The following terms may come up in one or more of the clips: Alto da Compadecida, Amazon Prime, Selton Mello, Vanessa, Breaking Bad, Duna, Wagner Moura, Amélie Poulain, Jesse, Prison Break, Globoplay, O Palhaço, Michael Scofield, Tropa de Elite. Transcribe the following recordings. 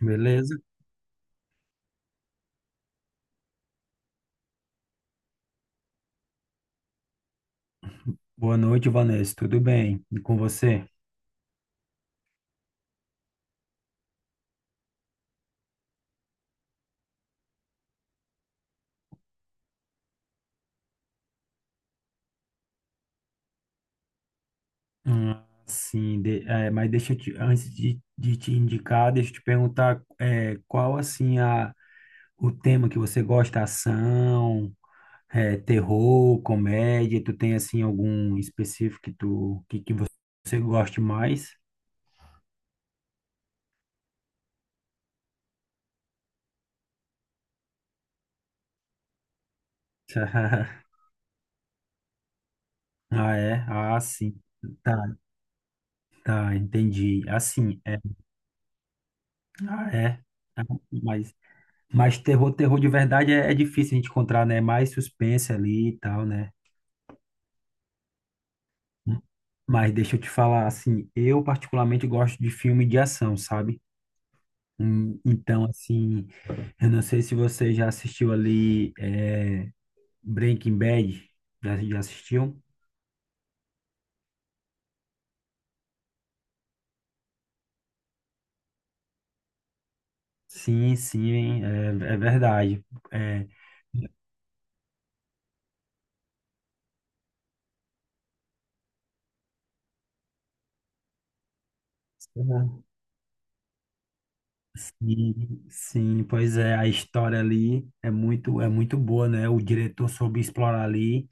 Beleza? Boa noite, Vanessa. Tudo bem? E com você? Hum, mas deixa eu te, antes de te indicar, deixa eu te perguntar qual assim o tema que você gosta: ação, terror, comédia? Tu tem assim algum específico que você goste mais? Ah, é? Ah, sim. Tá, tá, entendi. Assim, é. Ah, é. Ah, Mas Mas terror de verdade é difícil a gente encontrar, né? É mais suspense ali e tal, né? Mas deixa eu te falar, assim, eu particularmente gosto de filme de ação, sabe? Então, assim, eu não sei se você já assistiu ali Breaking Bad. Já assistiu? Sim, sim, é, é verdade. É. Uhum. Sim, sim, pois é, a história ali é muito boa, né? O diretor soube explorar ali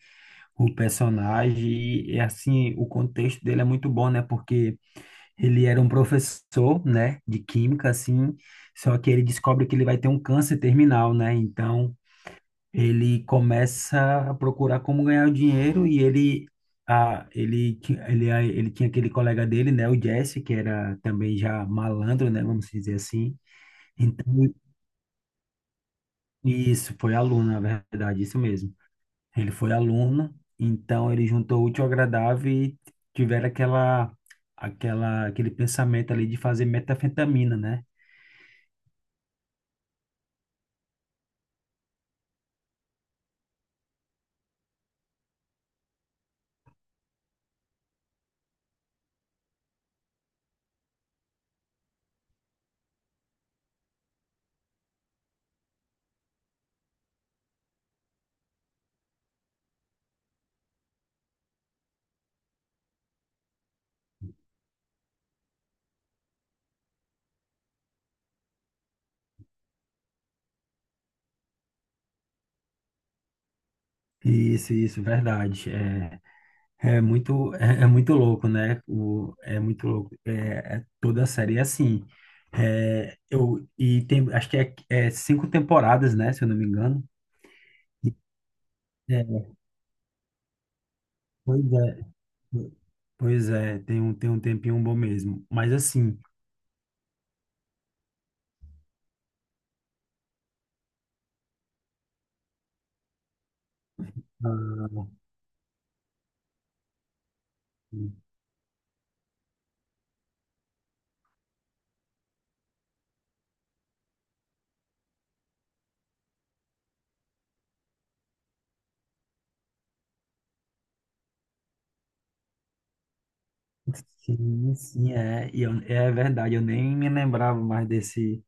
o personagem e assim o contexto dele é muito bom, né? Porque ele era um professor, né, de química. Assim, só que ele descobre que ele vai ter um câncer terminal, né? Então ele começa a procurar como ganhar o dinheiro, e ele a, ele ti- ele a- ele tinha aquele colega dele, né, o Jesse, que era também já malandro, né, vamos dizer assim. Então isso mesmo. Ele foi aluno, então ele juntou o útil ao agradável e tiveram aquele pensamento ali de fazer metanfetamina, né? Isso, verdade. É, é muito louco, né? É muito louco. Toda a série é assim. E tem, acho que é cinco temporadas, né? Se eu não me engano. É, pois é, tem um tempinho bom mesmo. Mas assim. Sim, sim, é. É verdade, eu nem me lembrava mais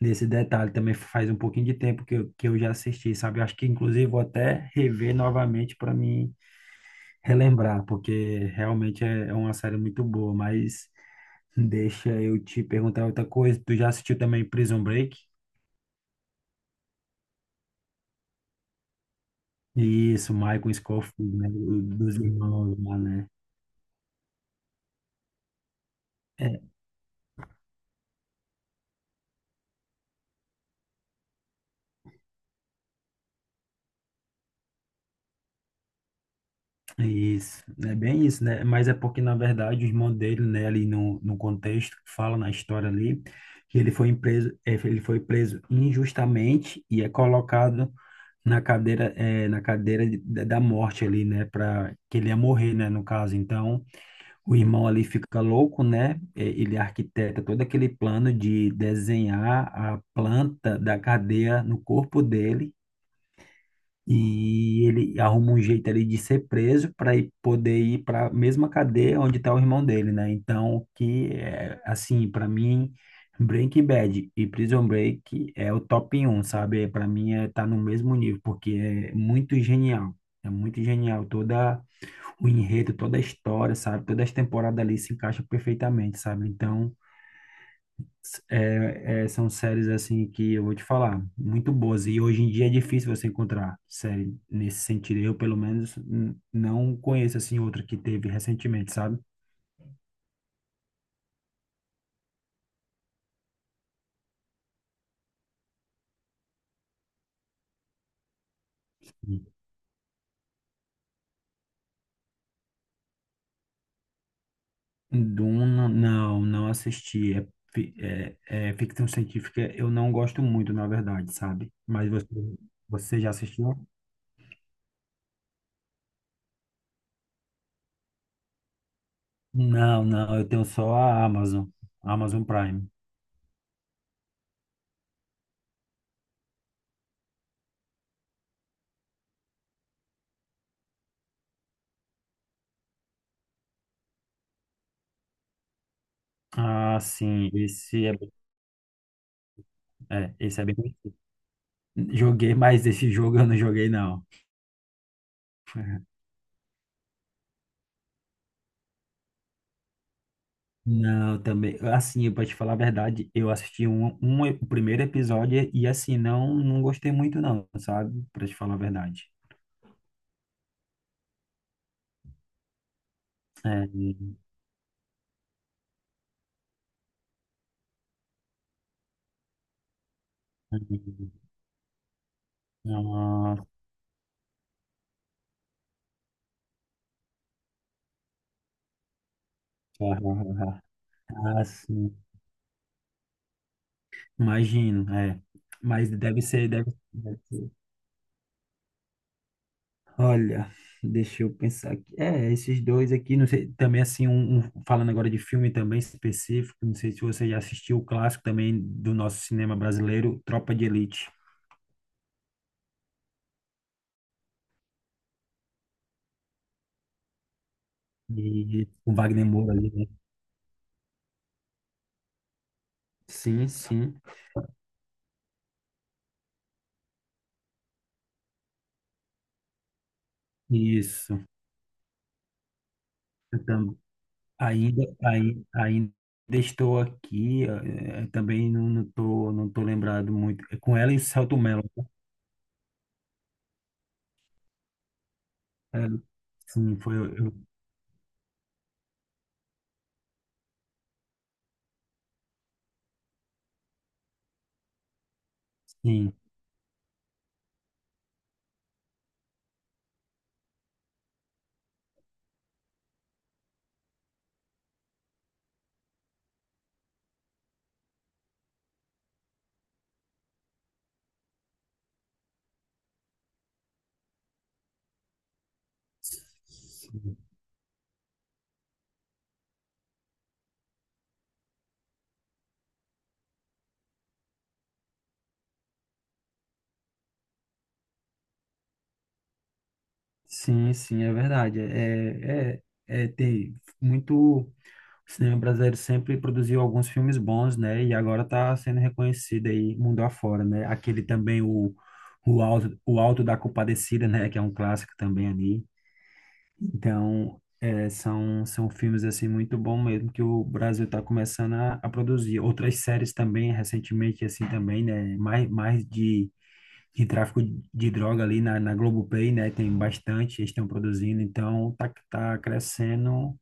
desse detalhe. Também faz um pouquinho de tempo que eu já assisti, sabe? Acho que, inclusive, vou até rever novamente para me relembrar, porque realmente é uma série muito boa. Mas deixa eu te perguntar outra coisa. Tu já assistiu também Prison Break? Isso, Michael Scofield, né? O- dos irmãos lá, né? É, isso, é bem isso, né? Mas é porque, na verdade, o irmão dele, né, ali no contexto, fala na história ali, que ele foi preso, ele foi preso injustamente e é colocado na cadeira da da morte ali, né, para que ele ia morrer, né, no caso. Então, o irmão ali fica louco, né? Ele arquiteta todo aquele plano de desenhar a planta da cadeia no corpo dele, e ele arruma um jeito ali de ser preso para poder ir para a mesma cadeia onde está o irmão dele, né? Então, que é assim, para mim, Breaking Bad e Prison Break é o top 1, sabe? Para mim é tá no mesmo nível, porque é muito genial. É muito genial toda o enredo, toda a história, sabe? Todas as temporadas ali se encaixam perfeitamente, sabe? Então, são séries assim, que eu vou te falar, muito boas. E hoje em dia é difícil você encontrar série nesse sentido. Eu, pelo menos, não conheço assim outra que teve recentemente, sabe? Duna, não, não assisti. É, é ficção científica, eu não gosto muito, na verdade, sabe? Mas você, você já assistiu? Não, não, eu tenho só a Amazon, Amazon Prime. Ah, sim, esse é bem conhecido. Joguei, mas esse jogo eu não joguei, não. Não, também, assim, pra te falar a verdade, eu assisti o primeiro episódio e, assim, não, não gostei muito não, sabe? Pra te falar a verdade. É, e- nossa, assim, imagino, é. Mas deve ser, deve ser. Olha, deixa eu pensar aqui. É, esses dois aqui, não sei, também assim, falando agora de filme também específico, não sei se você já assistiu o clássico também do nosso cinema brasileiro, Tropa de Elite. E o Wagner Moura ali, né? Sim, sim. Isso. Eu tam- ainda estou aqui. Também não, não tô lembrado muito. É com ela e o Selton Mello, tá? É, sim, sim. Sim, sim, sim, é verdade. É, tem muito. O cinema brasileiro sempre produziu alguns filmes bons, né? E agora tá sendo reconhecido aí mundo afora, né? Aquele também, o Alto da Compadecida, né? Que é um clássico também ali. Então, são filmes, assim, muito bom mesmo, que o Brasil tá começando a produzir. Outras séries também, recentemente, assim, também, né? Mais de tráfico de droga ali na Globoplay, né? Tem bastante, eles estão produzindo. Então, tá crescendo,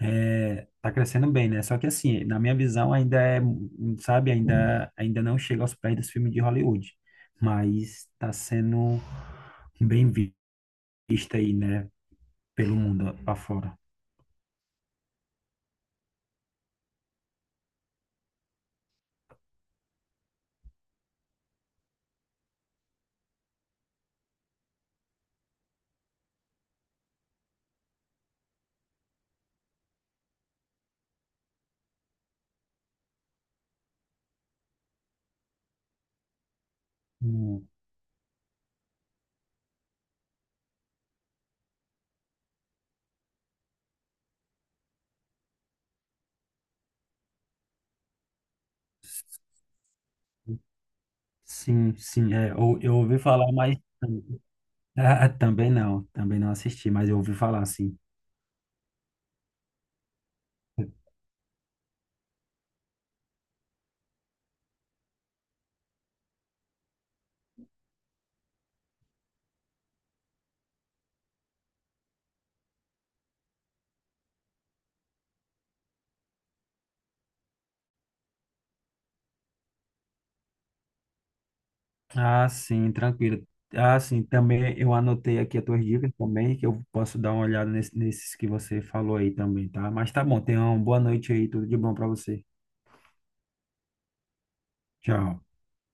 tá crescendo bem, né? Só que assim, na minha visão ainda sabe, ainda não chega aos pés dos filmes de Hollywood, mas tá sendo bem vista aí, né, pelo mundo afora. Hum, Sim, sim, eu ouvi falar, mas ah, também não assisti, mas eu ouvi falar, sim. Ah, sim, tranquilo. Ah, sim, também eu anotei aqui as tuas dicas também, que eu posso dar uma olhada nesses que você falou aí também, tá? Mas tá bom, tenha uma boa noite aí, tudo de bom pra você. Tchau.